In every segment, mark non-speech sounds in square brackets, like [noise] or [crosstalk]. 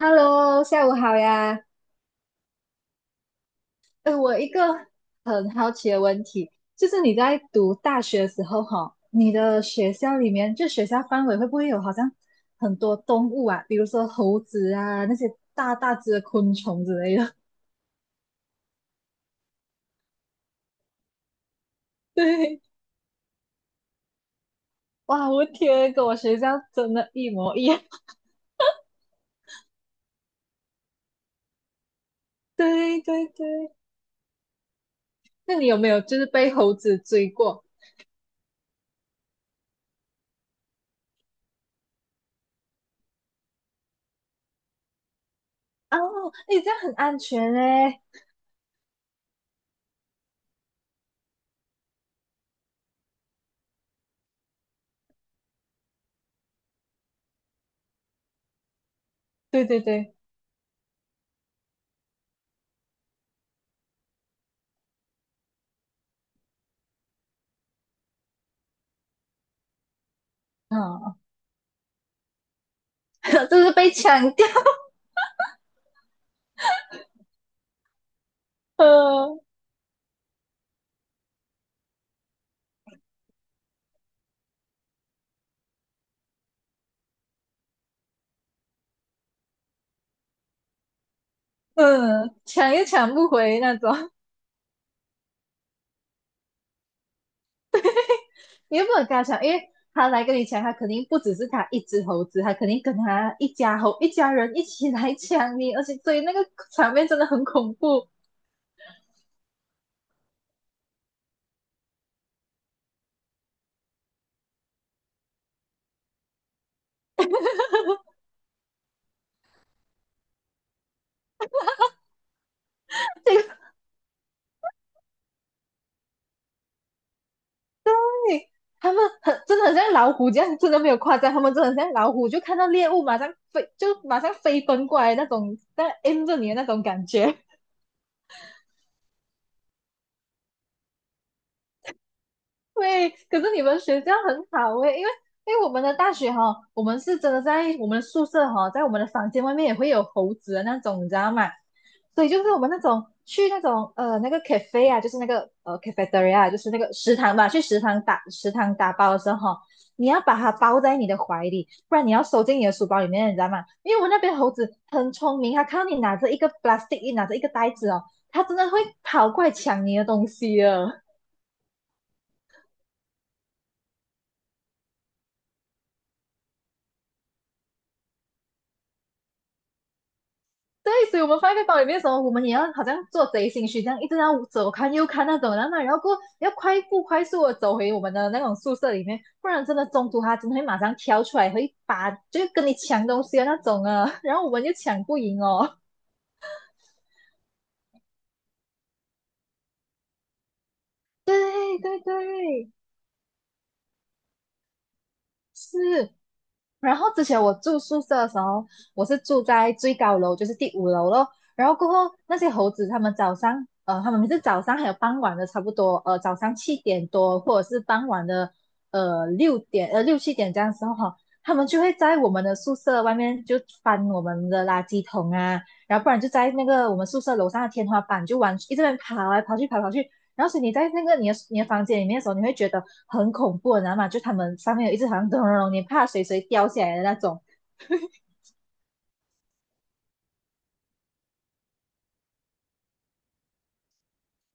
Hello，下午好呀。我一个很好奇的问题，就是你在读大学的时候，哈，你的学校里面，就学校范围会不会有好像很多动物啊，比如说猴子啊，那些大大只的昆虫之类的？[laughs] 对，哇，我天，跟我学校真的一模一样。[laughs] 对对对，那你有没有就是被猴子追过？哦，诶，这样很安全嘞。对对对，啊，[laughs] 就是被抢掉。[laughs] 嗯，抢也抢不回那种，[laughs] 你又不能跟他抢，因为他来跟你抢，他肯定不只是他一只猴子，他肯定跟他一家猴一家人一起来抢你，而且所以那个场面真的很恐怖。这个你他们很真的很像老虎这样，真的没有夸张，他们真的很像老虎，就看到猎物马上飞，就马上飞奔过来那种，在 aim 着你的那种感觉。[laughs] 对，可是你们学校很好诶，因为我们的大学哈、我们是真的在我们的宿舍哈、在我们的房间外面也会有猴子的那种，你知道吗？所以就是我们那种去那种那个 cafe 啊，就是那个cafeteria，啊就是那个食堂吧，去食堂打包的时候，你要把它包在你的怀里，不然你要收进你的书包里面，你知道吗？因为我们那边猴子很聪明，它看到你拿着一个 plastic，一拿着一个袋子哦，它真的会跑过来抢你的东西哦。对，所以我们放在包里面的时候，我们也要好像做贼心虚这样，一直要左看右看那种，然后过后要快步快速的走回我们的那种宿舍里面，不然真的中途他真的会马上跳出来，会把就是跟你抢东西的那种啊，然后我们就抢不赢哦。对对对，是，然后之前我住宿舍的时候，我是住在最高楼，就是第5楼咯。然后过后那些猴子，他们早上，他们每次早上还有傍晚的，差不多，早上七点多或者是傍晚的，六点，六七点这样的时候哈，他们就会在我们的宿舍外面就翻我们的垃圾桶啊，然后不然就在那个我们宿舍楼上的天花板就玩，一直在跑来跑去，跑来跑去，然后所以你在那个你的房间里面的时候，你会觉得很恐怖，你知道吗？就他们上面有一只好像咚咚咚，你怕谁掉下来的那种。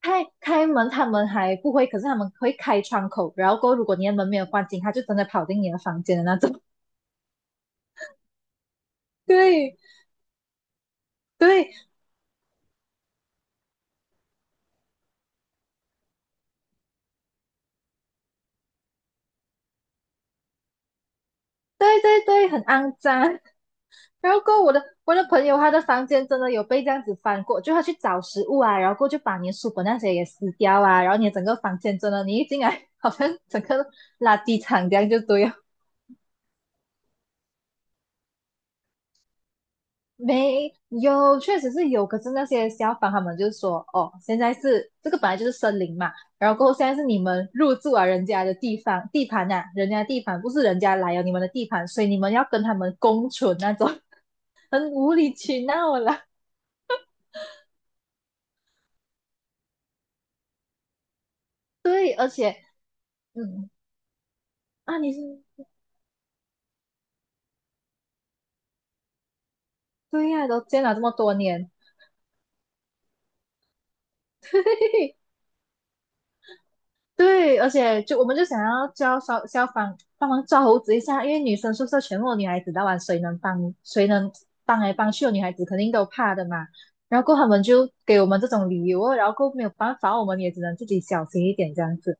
开门他们还不会，可是他们会开窗口，然后过后如果你的门没有关紧，他就真的跑进你的房间的那种。[laughs] 对对对对对，很肮脏。然后过后我的朋友他的房间真的有被这样子翻过，就他去找食物啊，然后过后就把你的书本那些也撕掉啊，然后你的整个房间真的，你一进来 [laughs] 好像整个垃圾场这样就对了。没有，确实是有。可是那些消防他们就是说，哦，现在是这个本来就是森林嘛，然后过后现在是你们入住啊人家的地方地盘呐、人家的地盘不是人家来了你们的地盘，所以你们要跟他们共存那种，[laughs] 很无理取闹啦。对，而且，嗯，啊，对呀、都见了这么多年，[laughs] 对，而且就我们就想要叫消防帮忙抓猴子一下，因为女生宿舍全部女孩子的玩，那晚谁能帮谁能帮来帮去的女孩子肯定都怕的嘛。然后过后他们就给我们这种理由哦然后过后没有办法，我们也只能自己小心一点这样子。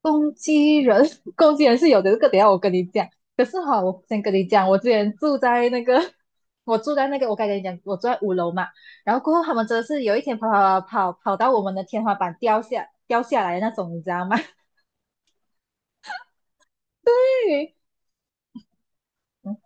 攻击人，[laughs] 攻击人是有的，这个等一下我跟你讲。可是哈，我先跟你讲，我之前住在那个，[laughs] 我住在那个，我刚才跟你讲，我住在五楼嘛。然后过后他们真的是有一天跑跑跑跑跑到我们的天花板掉下来的那种，你知道吗？于，嗯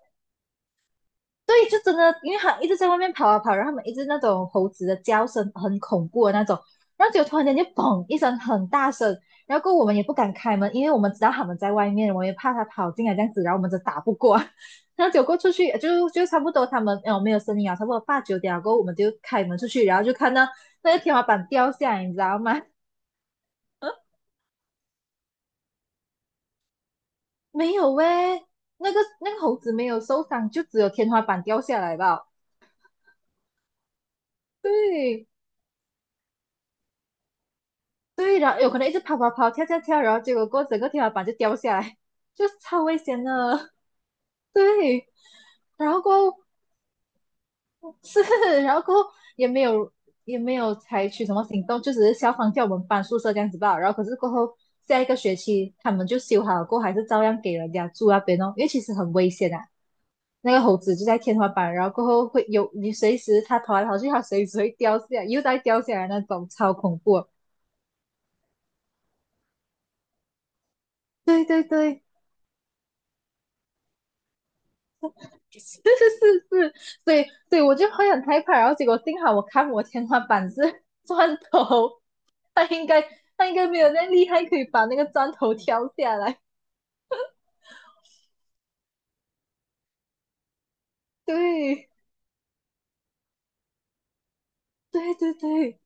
对，就真的，因为他一直在外面跑啊跑，然后他们一直那种猴子的叫声很恐怖的那种，然后就突然间就嘣一声很大声，然后过后我们也不敢开门，因为我们知道他们在外面，我们也怕他跑进来这样子，然后我们就打不过，[laughs] 然后结过出去就差不多他们哦没有声音啊，差不多八九点过后我们就开门出去，然后就看到那个天花板掉下来，你知道吗？[laughs] 没有喂、那个猴子没有受伤，就只有天花板掉下来吧。对，对，然后有可能一直跑跑跑，跳跳跳，然后结果过后整个天花板就掉下来，[laughs] 就超危险的。[laughs] 对，然后过后是，[laughs] 然后过后也没有也没有采取什么行动，就只是消防叫我们搬宿舍这样子吧。然后可是过后下一个学期他们就修好了过后，还是照样给人家住那边哦，因为其实很危险啊。那个猴子就在天花板，然后过后会有你随时它跑来跑去，它随时会掉下来，又再掉下来那种，超恐怖。对对对[laughs] 是是是是，所以我就会很害怕，然后结果幸好我看我天花板是 [laughs] 砖头，他应该他应该没有那么厉害，可以把那个砖头挑下来。对对对对，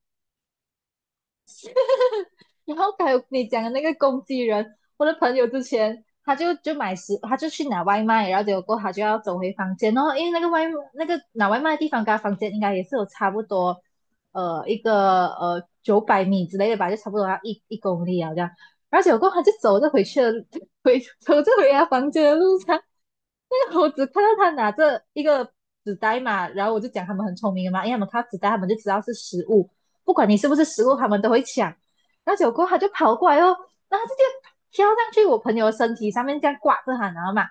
然后还有你讲的那个攻击人，我的朋友之前他就就买食，他就去拿外卖，然后结果过后他就要走回房间，然后因为那个外那个拿外卖的地方跟他房间应该也是有差不多，一个900米之类的吧，就差不多要1公里啊这样，而且结果过后他就走着回去了，走着回他房间的路上，那个我只看到他拿着一个纸袋嘛，然后我就讲他们很聪明的嘛，因为他们看到纸袋他们就知道是食物，不管你是不是食物，他们都会抢。然后结果他就跑过来哦，然后直接跳上去我朋友的身体上面，这样挂着他，然后嘛，就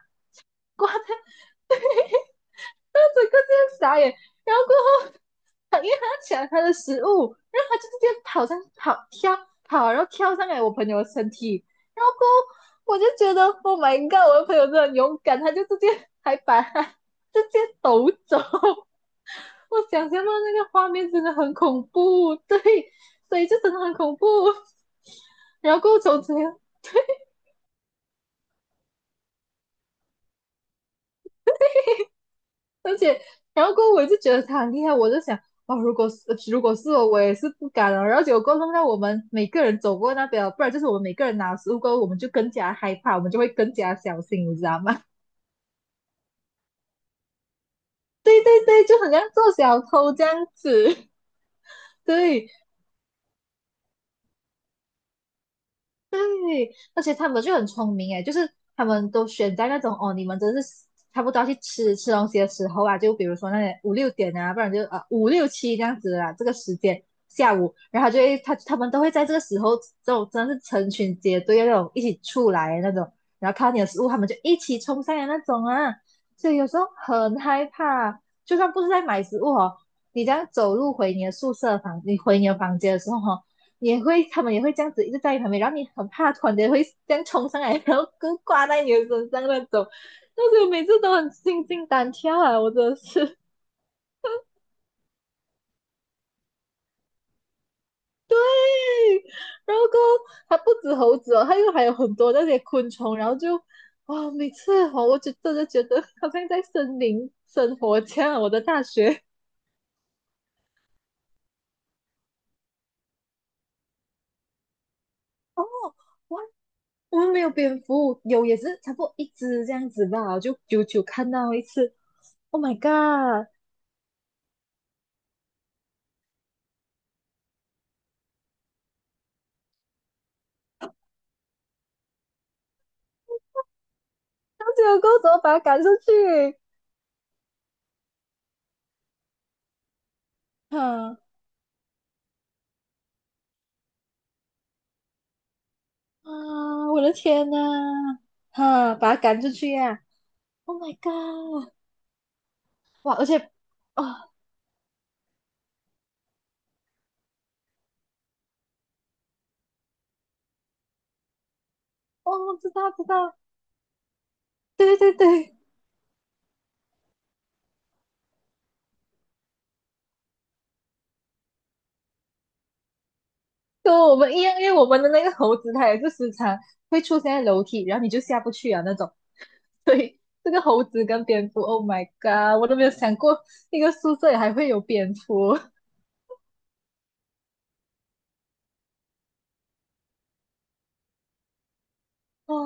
整个这样傻眼，然后过后他因为他抢他的食物，然后他就直接跑，然后跳上来我朋友的身体，然后过后我就觉得 Oh my God，我的朋友真的很勇敢，他就直接还把他直接抖走，我想象到那个画面真的很恐怖，对，所以就真的很恐怖。然后过后从此而且，然后过后我就觉得他很厉害，我就想，哦，如果是我，我也是不敢了。然后结果过后弄到我们每个人走过那边了，不然就是我们每个人拿食物过后，我们就更加害怕，我们就会更加小心，你知道吗？[laughs] 对，就很像做小偷这样子。[laughs] 对，而且他们就很聪明诶，就是他们都选在那种哦，你们真是差不多要去吃吃东西的时候啊，就比如说那些五六点啊，不然就五六七这样子啊，这个时间下午，然后就会他们都会在这个时候，这种真的是成群结队的那种一起出来的那种，然后看到你的食物，他们就一起冲上来那种啊，所以有时候很害怕，就算不是在买食物哦。你这样走路回你的宿舍房，你回你的房间的时候哈、哦，他们也会这样子一直在你旁边，然后你很怕，突然间会这样冲上来，然后跟挂在你的身上那种。但是我每次都很心惊胆跳啊，我真的是。[laughs] 然后过后它不止猴子哦，它又还有很多那些昆虫，然后就啊、每次哦，我就真的觉得好像在森林生活这样。我的大学，哇，我们没有蝙蝠，有也是差不多一只这样子吧，就久久看到一次。Oh my god！那结果过后怎么把它赶出去？嗯，啊，我的天呐！哈，把他赶出去呀、！Oh my god！哇，而且，啊，哦，知道知道，对对对，跟我们一样，因为我们的那个猴子它也是时常会出现在楼梯，然后你就下不去啊那种。对，这个猴子跟蝙蝠，Oh my god！我都没有想过一个宿舍里还会有蝙蝠。哇，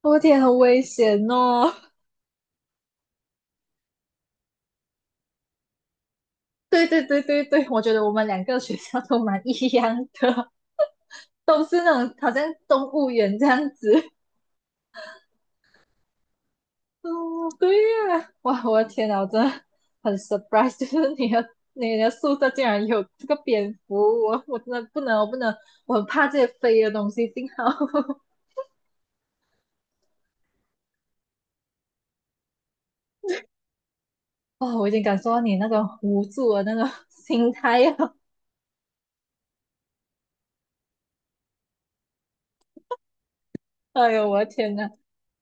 我的天，很危险哦。对对对对对，我觉得我们两个学校都蛮一样的，都是那种好像动物园这样子。哦，对呀，哇，我的天呐，我真的很 surprise，就是你的宿舍竟然有这个蝙蝠，我真的不能，我不能，我很怕这些飞的东西。幸好 [laughs] 哦，我已经感受到你那种无助的那种心态了。哎呦，我的天呐，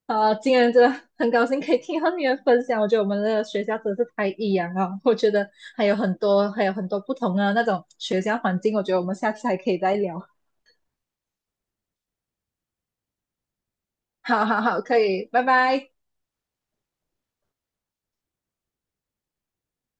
啊，今天真的很高兴可以听到你的分享，我觉得我们的学校真是太异样了。我觉得还有很多不同的那种学校环境，我觉得我们下次还可以再聊。好好好，可以，拜拜。